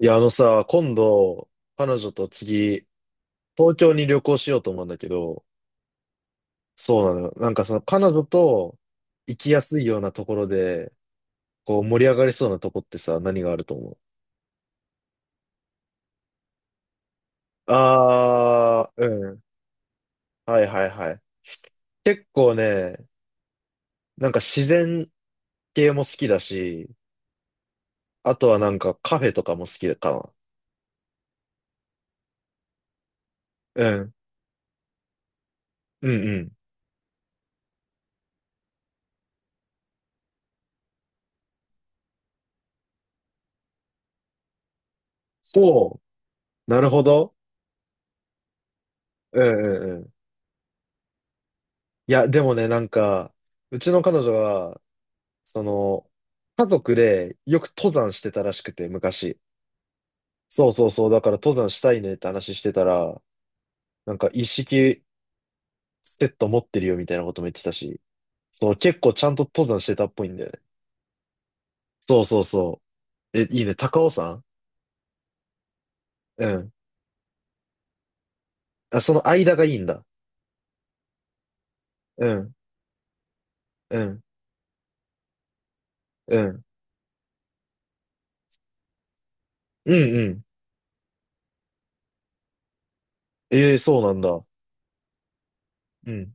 いや、あのさ、今度、彼女と次、東京に旅行しようと思うんだけど、そうなのよ。なんかその彼女と行きやすいようなところで、こう盛り上がりそうなとこってさ、何があると思うあー、うん。はいはいはい。結構ね、なんか自然系も好きだし、あとはなんかカフェとかも好きかな。うん。うんうん。そう。なるほど。うんうんうん。いや、でもね、なんか、うちの彼女がその、家族でよく登山してたらしくて、昔。そうそうそう、だから登山したいねって話してたら、なんか一式セット持ってるよみたいなことも言ってたし、そう、結構ちゃんと登山してたっぽいんだよね。そうそうそう。え、いいね、高尾山うん。あ、その間がいいんだ。うん、うん、うん、うん、うん。ええそうなんだ。うん。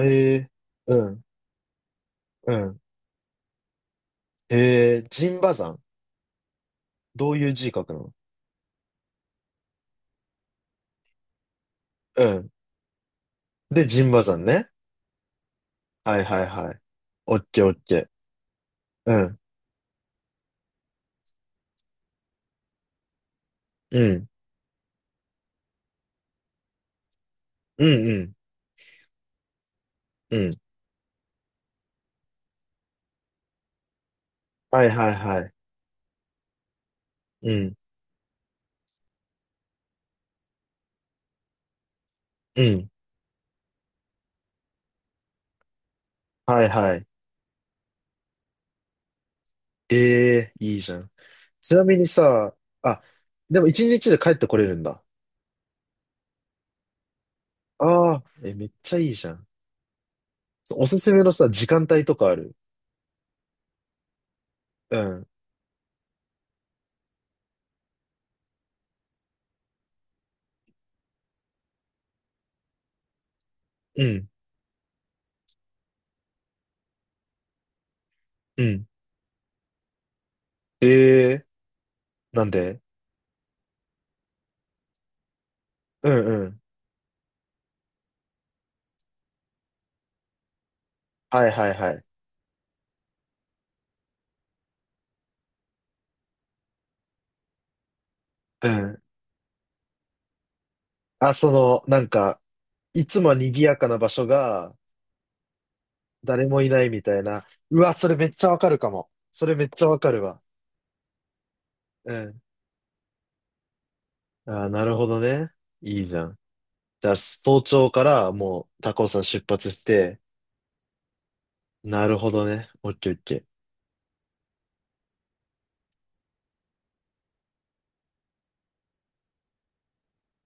ええうん、うん。ええ陣馬山どういう字書くのうん。で、陣馬山ね。はいはいはい。オッケーオッケー。うん。うん。うんうん。うん。はいはいはい。うん。うん。はいはい。ええいいじゃん。ちなみにさ、あ、でも一日で帰ってこれるんだ。ああ、え、めっちゃいいじゃん。そうおすすめのさ、時間帯とかあるうん。うん。うん。ええなんでうんうん。はいはいはい。うん。あ、その、なんか、いつも賑やかな場所が、誰もいないみたいな。うわ、それめっちゃわかるかも。それめっちゃわかるわ。うん。ああ、なるほどね。いいじゃん。じゃあ、早朝からもう高尾山出発して、なるほどね。オッケーオッケー。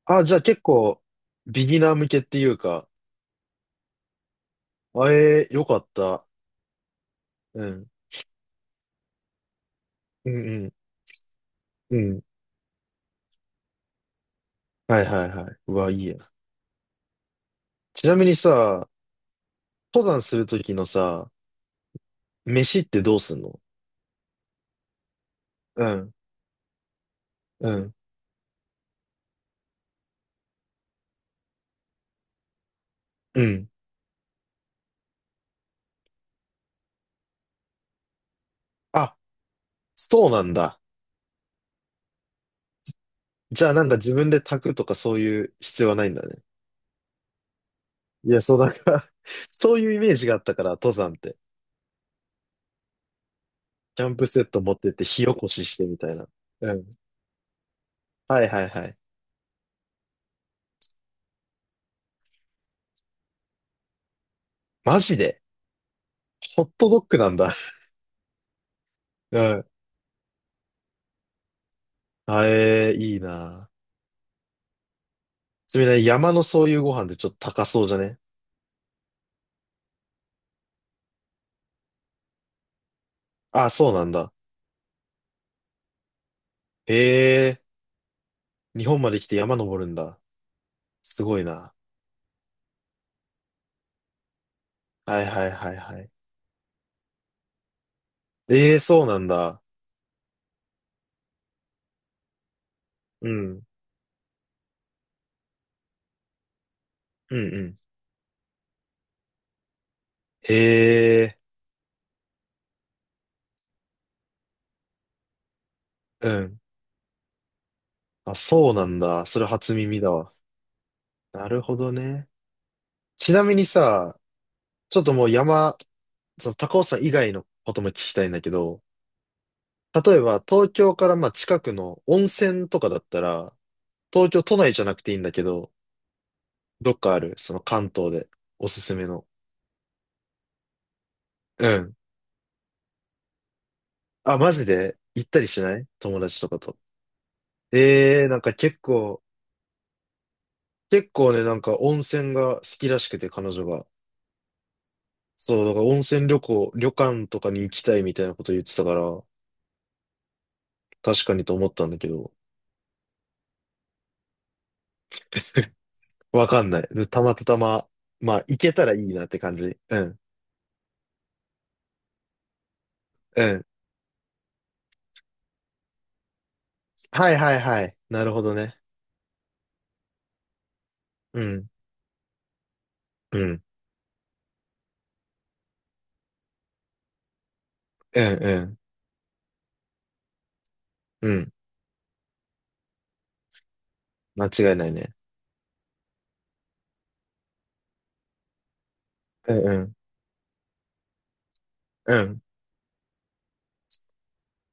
あ、じゃあ結構、ビギナー向けっていうか、あえー、よかった。うん。うんうん。うん。はいはいはい。うわ、いいや。ちなみにさ、登山するときのさ、飯ってどうすんのうん。うん。うん。あ、そうなんだ。じゃあなんか自分で炊くとかそういう必要はないんだね。いや、そうだから そういうイメージがあったから、登山って。キャンプセット持ってって火起こししてみたいな。うん。はいはいはい。マジでホットドッグなんだ。うん。あえー、いいな。ちなみにね山のそういうご飯でちょっと高そうじゃねあ、そうなんだ。えー、日本まで来て山登るんだ。すごいな。はいはいはいはい。えー、そうなんだ。うん。うんうん。へえ、うん。あ、そうなんだ。それ初耳だわ。なるほどね。ちなみにさ、ちょっともう山、その高尾山以外のことも聞きたいんだけど、例えば東京からまあ近くの温泉とかだったら、東京都内じゃなくていいんだけど、どっかあるその関東でおすすめの。うん。あ、マジで行ったりしない友達とかと。ええー、なんか結構、結構ね、なんか温泉が好きらしくて彼女が。そう、だから温泉旅行、旅館とかに行きたいみたいなこと言ってたから、確かにと思ったんだけど、わかんない。たまたま、まあ、行けたらいいなって感じ。うん。うん。はいはいはい。なるほどね。うん。うん。うんうん。うん。間違いないね。うんうん。うん。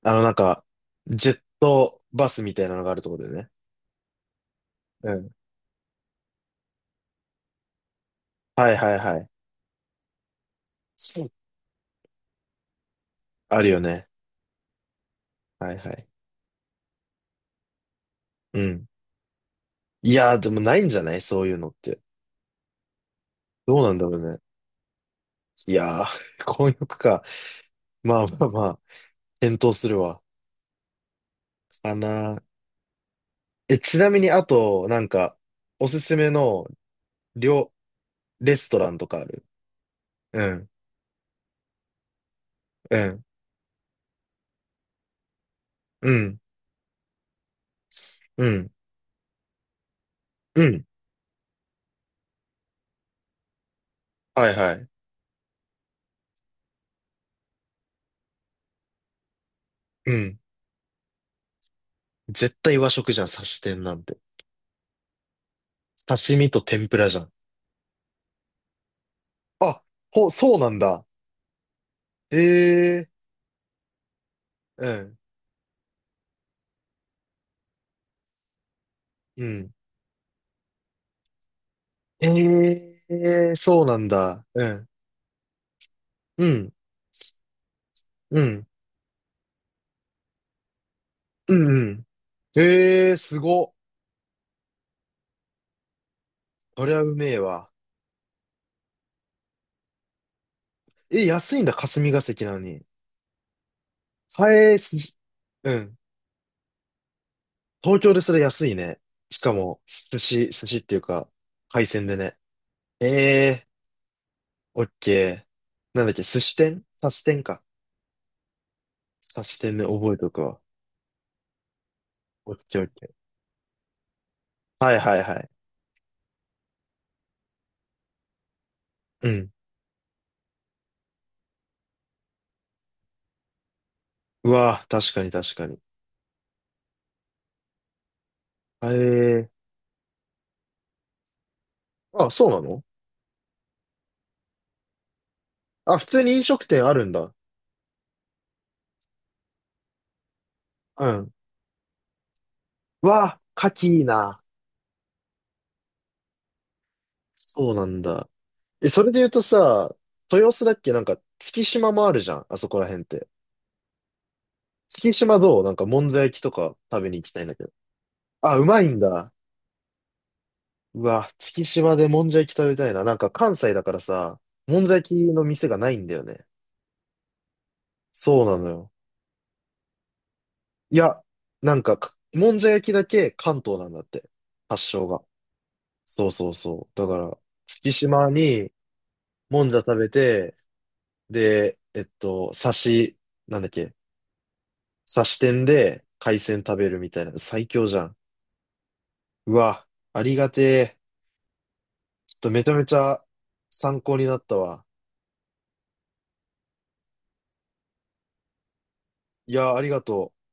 なんか、ジェットバスみたいなのがあるところでね。うん。はいはいはい。そうあるよね。はいはい。うん。いやー、でもないんじゃないそういうのって。どうなんだろうね。いやー、混浴か。まあまあまあ、検討するわ。かなーえ、ちなみにあと、なんか、おすすめの料、レストランとかあるうん、うん、うん、うん、うん。はいはい。うん。絶対和食じゃん、刺し店なんて。刺身と天ぷらじゃん。あ、ほ、そうなんだ。ええうん、うん。ええそうなんだ。うん、うん、うん、うん、うん。ええすご。そりゃうめえわ。え、安いんだ、霞が関なのに。返す、うん。東京でそれ安いね。しかも、寿司、寿司っていうか、海鮮でね。ええー、オッケー。なんだっけ、寿司店刺し店か。刺し店ね、覚えとくわ。オッケーオッケー。はいはいはい。うん。うわぁ、確かに確かに。ええー。あ、そうなのあ、普通に飲食店あるんだ。うん。うわぁ、牡蠣いいな。そうなんだ。え、それで言うとさ、豊洲だっけなんか、月島もあるじゃん。あそこら辺って。月島どうなんか、もんじゃ焼きとか食べに行きたいんだけど。あ、うまいんだ。うわ、月島でもんじゃ焼き食べたいな。なんか関西だからさ、もんじゃ焼きの店がないんだよね。そうなのよ。いや、なんかか、もんじゃ焼きだけ関東なんだって。発祥が。そうそうそう。だから、月島にもんじゃ食べて、で、なんだっけ、刺し店で海鮮食べるみたいな。最強じゃん。うわ、ありがてえ。ちょっとめちゃめちゃ参考になったわ。いや、ありがとう。